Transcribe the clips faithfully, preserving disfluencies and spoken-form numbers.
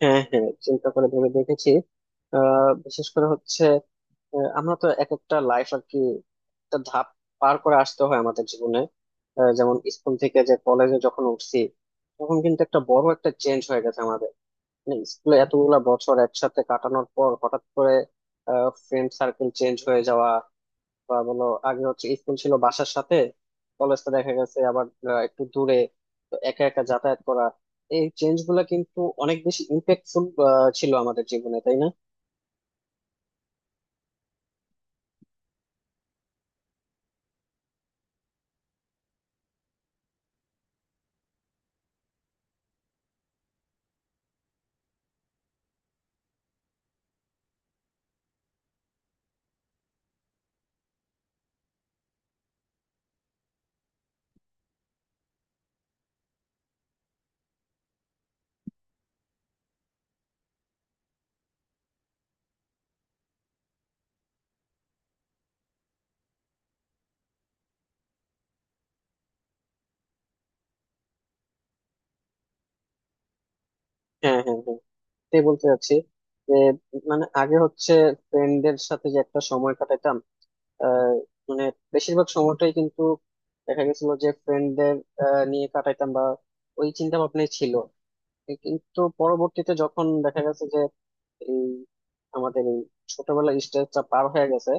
হ্যাঁ, হ্যাঁ, চিন্তা করে ভেবে দেখেছি। আহ, বিশেষ করে হচ্ছে আহ, আমরা তো এক একটা লাইফ আর কি, একটা ধাপ পার করে আসতে হয় আমাদের জীবনে। আহ, যেমন স্কুল থেকে যে কলেজে যখন উঠছি, তখন কিন্তু একটা বড় একটা চেঞ্জ হয়ে গেছে আমাদের। মানে স্কুলে এতগুলা বছর একসাথে কাটানোর পর হঠাৎ করে ফ্রেন্ড সার্কেল চেঞ্জ হয়ে যাওয়া, বা বলো আগে হচ্ছে স্কুল ছিল বাসার সাথে, কলেজটা দেখা গেছে আবার আহ, একটু দূরে, তো একা একা যাতায়াত করা। এই চেঞ্জ গুলা কিন্তু অনেক বেশি ইম্প্যাক্টফুল ছিল আমাদের জীবনে, তাই না? হ্যাঁ, হ্যাঁ, হ্যাঁ, তাই বলতে চাচ্ছি যে মানে আগে হচ্ছে ফ্রেন্ডদের সাথে যে একটা সময় কাটাতাম, আহ, মানে বেশিরভাগ সময়টাই কিন্তু দেখা গেছিল যে ফ্রেন্ডদের নিয়ে কাটাইতাম, বা ওই চিন্তা ভাবনাই ছিল। এ কিন্তু পরবর্তীতে যখন দেখা গেছে এই আমাদের এই ছোটবেলার স্টেজটা পার হয়ে গেছে,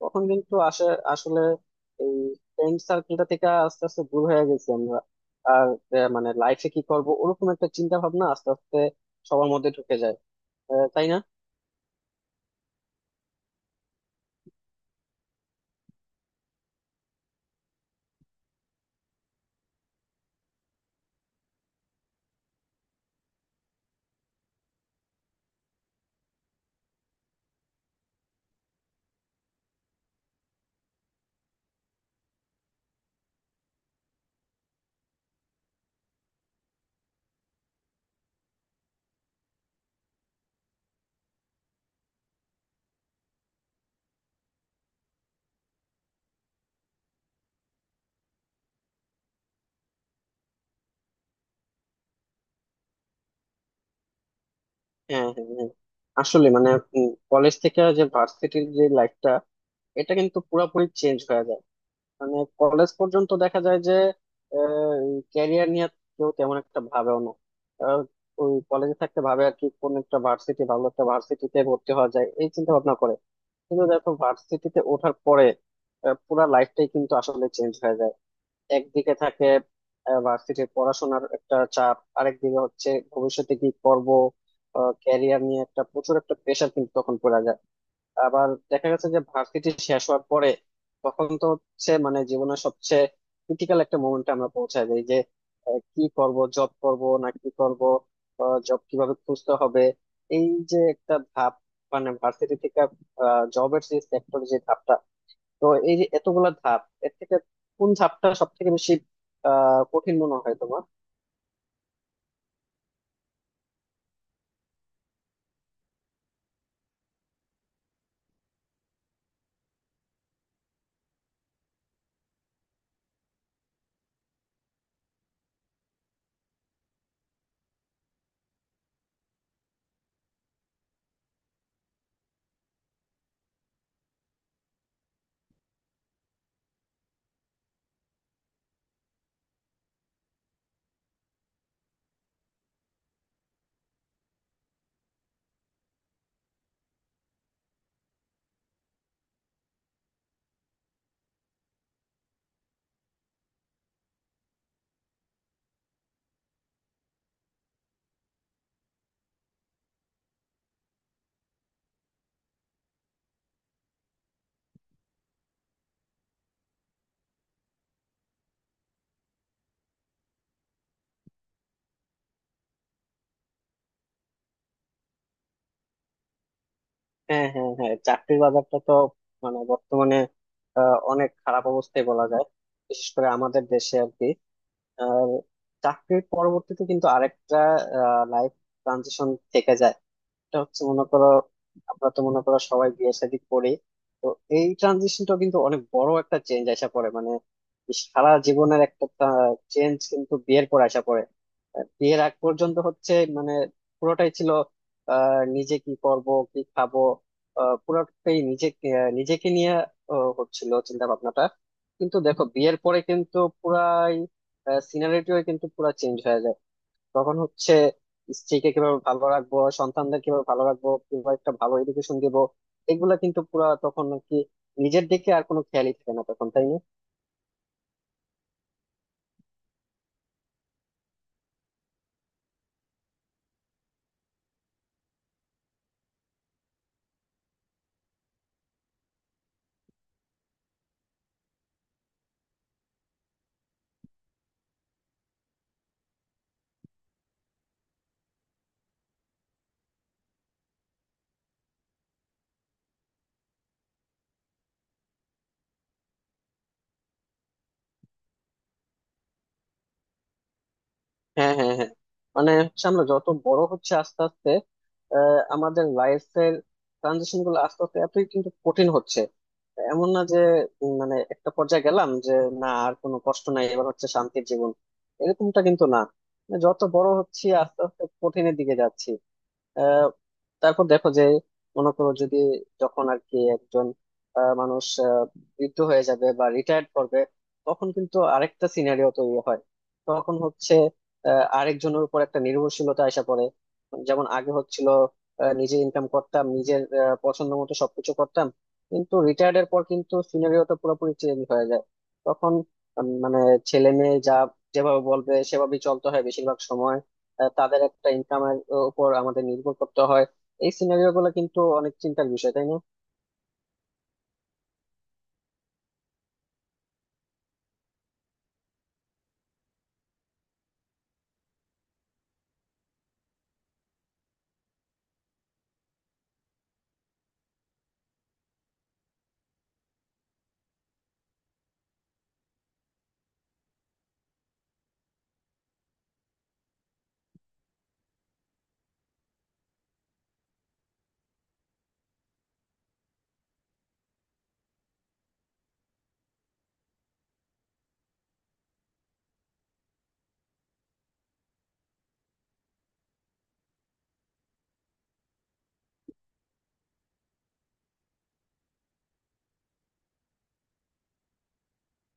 তখন কিন্তু আসে আসলে এই ফ্রেন্ড সার্কেলটা থেকে আস্তে আস্তে দূর হয়ে গেছি আমরা। আর আহ, মানে লাইফে কি করব ওরকম একটা চিন্তা ভাবনা আস্তে আস্তে সবার মধ্যে ঢুকে যায়, আহ, তাই না? হ্যাঁ, হ্যাঁ, হ্যাঁ, আসলে মানে কলেজ থেকে যে ভার্সিটির যে লাইফটা এটা কিন্তু পুরোপুরি চেঞ্জ হয়ে যায়। মানে কলেজ পর্যন্ত দেখা যায় যে ক্যারিয়ার নিয়ে কেউ তেমন একটা ভাবেও না। আহ, ওই কলেজে থাকতে ভাবে আর কি, কোন একটা ভার্সিটি ভালো একটা ভার্সিটিতে ভর্তি হওয়া যায় এই চিন্তা ভাবনা করে। কিন্তু দেখো ভার্সিটিতে ওঠার পরে আহ, পুরা লাইফটাই কিন্তু আসলে চেঞ্জ হয়ে যায়। একদিকে থাকে ভার্সিটির পড়াশোনার একটা চাপ, আরেকদিকে হচ্ছে ভবিষ্যতে কি করব, ক্যারিয়ার নিয়ে একটা প্রচুর একটা প্রেশার কিন্তু তখন পড়া যায়। আবার দেখা গেছে যে ভার্সিটি শেষ হওয়ার পরে তখন তো হচ্ছে মানে জীবনের সবচেয়ে ক্রিটিক্যাল একটা মোমেন্টে আমরা পৌঁছায় যাই যে আহ, কি করব, জব করব না কি করব, জব কিভাবে খুঁজতে হবে। এই যে একটা ধাপ, মানে ভার্সিটি থেকে জবের যে সেক্টর যে ধাপটা, তো এই যে এতগুলা ধাপ, এর থেকে কোন ধাপটা সব থেকে বেশি আহ কঠিন মনে হয় তোমার? হ্যাঁ, হ্যাঁ, হ্যাঁ, চাকরির বাজারটা তো মানে বর্তমানে আহ, অনেক খারাপ অবস্থায় বলা যায়, বিশেষ করে আমাদের দেশে আর কি। আর চাকরির পরবর্তীতে কিন্তু আরেকটা লাইফ ট্রানজিশন থেকে যায়। এটা হচ্ছে মনে করো আমরা তো মনে করো সবাই বিয়ে শাদী করি, তো এই ট্রানজিশনটা কিন্তু অনেক বড় একটা চেঞ্জ আসা পড়ে, মানে সারা জীবনের একটা চেঞ্জ কিন্তু বিয়ের পর আসা পড়ে। আহ, বিয়ের আগ পর্যন্ত হচ্ছে মানে পুরোটাই ছিল আহ নিজে কি করব কি খাবো, আহ পুরোটাই নিজে আহ, নিজেকে নিয়ে আহ, হচ্ছিল চিন্তা ভাবনাটা। কিন্তু দেখো বিয়ের পরে কিন্তু পুরাই সিনারিটিও কিন্তু পুরা চেঞ্জ হয়ে যায়। তখন হচ্ছে স্ত্রীকে কিভাবে ভালো রাখবো, সন্তানদের কিভাবে ভালো রাখবো, কিভাবে একটা ভালো এডুকেশন দিব, এগুলা কিন্তু পুরা তখন আর কি, নিজের দিকে আর কোনো খেয়ালই থাকে না তখন, তাই না? হ্যাঁ, হ্যাঁ, হ্যাঁ, মানে হচ্ছে আমরা যত বড় হচ্ছে আস্তে আস্তে আহ, আমাদের লাইফের ট্রানজিশন গুলো আস্তে আস্তে এতই কিন্তু কঠিন হচ্ছে। এমন না যে উম, মানে একটা পর্যায়ে গেলাম যে না আর কোনো কষ্ট নাই, এবার হচ্ছে শান্তির জীবন, এরকমটা কিন্তু না। যত বড় হচ্ছি আস্তে আস্তে কঠিনের দিকে যাচ্ছি। আহ, তারপর দেখো যে মনে করো যদি যখন আর কি একজন আহ, মানুষ আহ, বৃদ্ধ হয়ে যাবে বা রিটায়ার্ড করবে, তখন কিন্তু আরেকটা সিনারিও তৈরি হয়। তখন হচ্ছে আহ, আরেকজনের উপর একটা নির্ভরশীলতা আসা পড়ে। যেমন আগে হচ্ছিল আহ, নিজে ইনকাম করতাম, নিজের আহ, পছন্দ মতো সবকিছু করতাম, কিন্তু রিটায়ার্ড এর পর কিন্তু সিনারিওটা পুরোপুরি চেঞ্জ হয়ে যায়। তখন উম, মানে ছেলে মেয়ে যা যেভাবে বলবে সেভাবেই চলতে হয় বেশিরভাগ সময়, আহ, তাদের একটা ইনকামের উপর আমাদের নির্ভর করতে হয়। এই সিনারিও গুলো কিন্তু অনেক চিন্তার বিষয়, তাই না?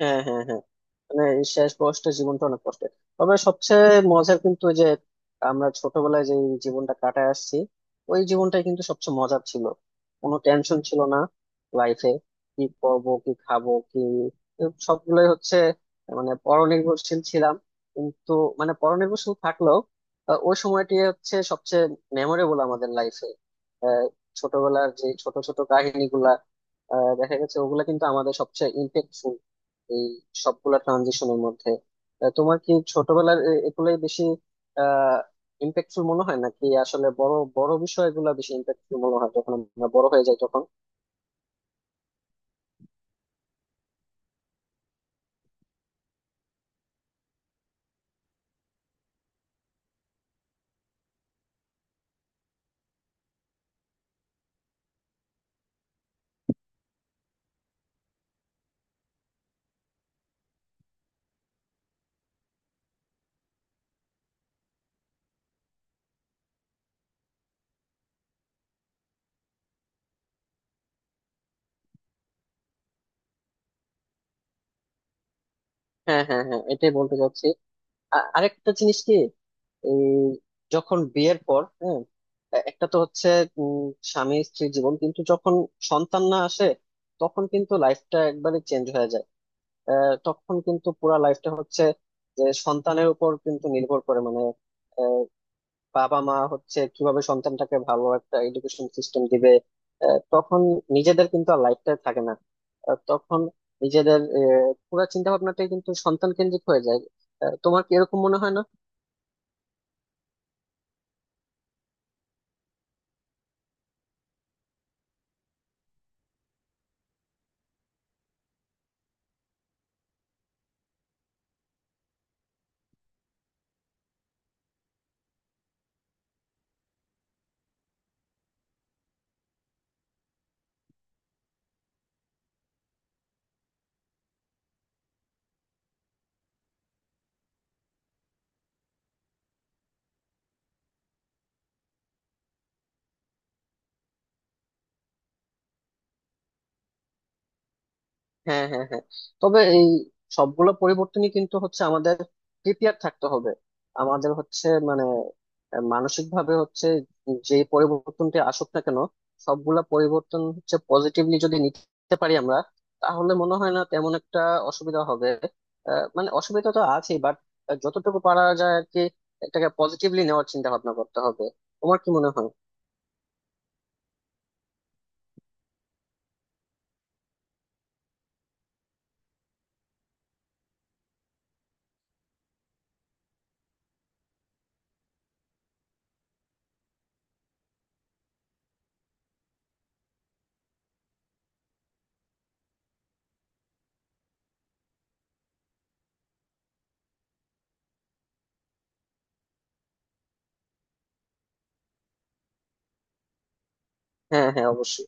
হ্যাঁ, হ্যাঁ, হ্যাঁ, মানে এই শেষ বয়সটা জীবনটা অনেক কষ্টের। তবে সবচেয়ে মজার কিন্তু ওই যে আমরা ছোটবেলায় যে জীবনটা কাটায় আসছি, ওই জীবনটাই কিন্তু সবচেয়ে মজার ছিল। কোনো টেনশন ছিল না লাইফে, কি করব কি খাবো কি, সবগুলোই হচ্ছে মানে পরনির্ভরশীল ছিলাম। কিন্তু মানে পরনির্ভরশীল থাকলেও আহ, ওই সময়টি হচ্ছে সবচেয়ে মেমোরেবল আমাদের লাইফে। ছোটবেলার যে ছোট ছোট কাহিনীগুলা আহ, দেখা গেছে ওগুলা কিন্তু আমাদের সবচেয়ে ইম্প্যাক্টফুল এই সবগুলা ট্রানজিশনের মধ্যে। আহ, তোমার কি ছোটবেলার এ- এগুলাই বেশি আহ ইম্প্যাক্টফুল মনে হয়, নাকি আসলে বড় বড় বিষয়গুলো বেশি ইম্প্যাক্টফুল মনে হয় যখন আমরা বড় হয়ে যাই তখন? হ্যাঁ, হ্যাঁ, হ্যাঁ, এটাই বলতে চাচ্ছি। আ- আরেকটা জিনিস কি, এই যখন বিয়ের পর, হ্যাঁ, এ- একটা তো হচ্ছে উম, স্বামী স্ত্রী জীবন কিন্তু যখন সন্তান না আসে তখন কিন্তু লাইফটা একবারে চেঞ্জ হয়ে যায়। আহ, তখন কিন্তু পুরা লাইফটা হচ্ছে যে সন্তানের উপর কিন্তু নির্ভর করে, মানে বাবা মা হচ্ছে কিভাবে সন্তানটাকে ভালো একটা এডুকেশন সিস্টেম দিবে। আহ, তখন নিজেদের কিন্তু আর লাইফটা থাকে না। আহ, তখন নিজেদের পুরো চিন্তা ভাবনাটাই কিন্তু সন্তান কেন্দ্রিক হয়ে যায়। আহ, তোমার কি এরকম মনে হয় না? হ্যাঁ, হ্যাঁ, হ্যাঁ, তবে এই সবগুলো পরিবর্তনই কিন্তু হচ্ছে আমাদের প্রিপেয়ার থাকতে হবে, আমাদের হচ্ছে মানে মানসিক ভাবে হচ্ছে। যে পরিবর্তনটি আসুক না কেন, সবগুলা পরিবর্তন হচ্ছে পজিটিভলি যদি নিতে পারি আমরা, তাহলে মনে হয় না তেমন একটা অসুবিধা হবে। আহ, মানে অসুবিধা তো আছেই, বাট যতটুকু পারা যায় আর কি, এটাকে পজিটিভলি নেওয়ার চিন্তা ভাবনা করতে হবে। তোমার কি মনে হয়? হ্যাঁ, হ্যাঁ, অবশ্যই।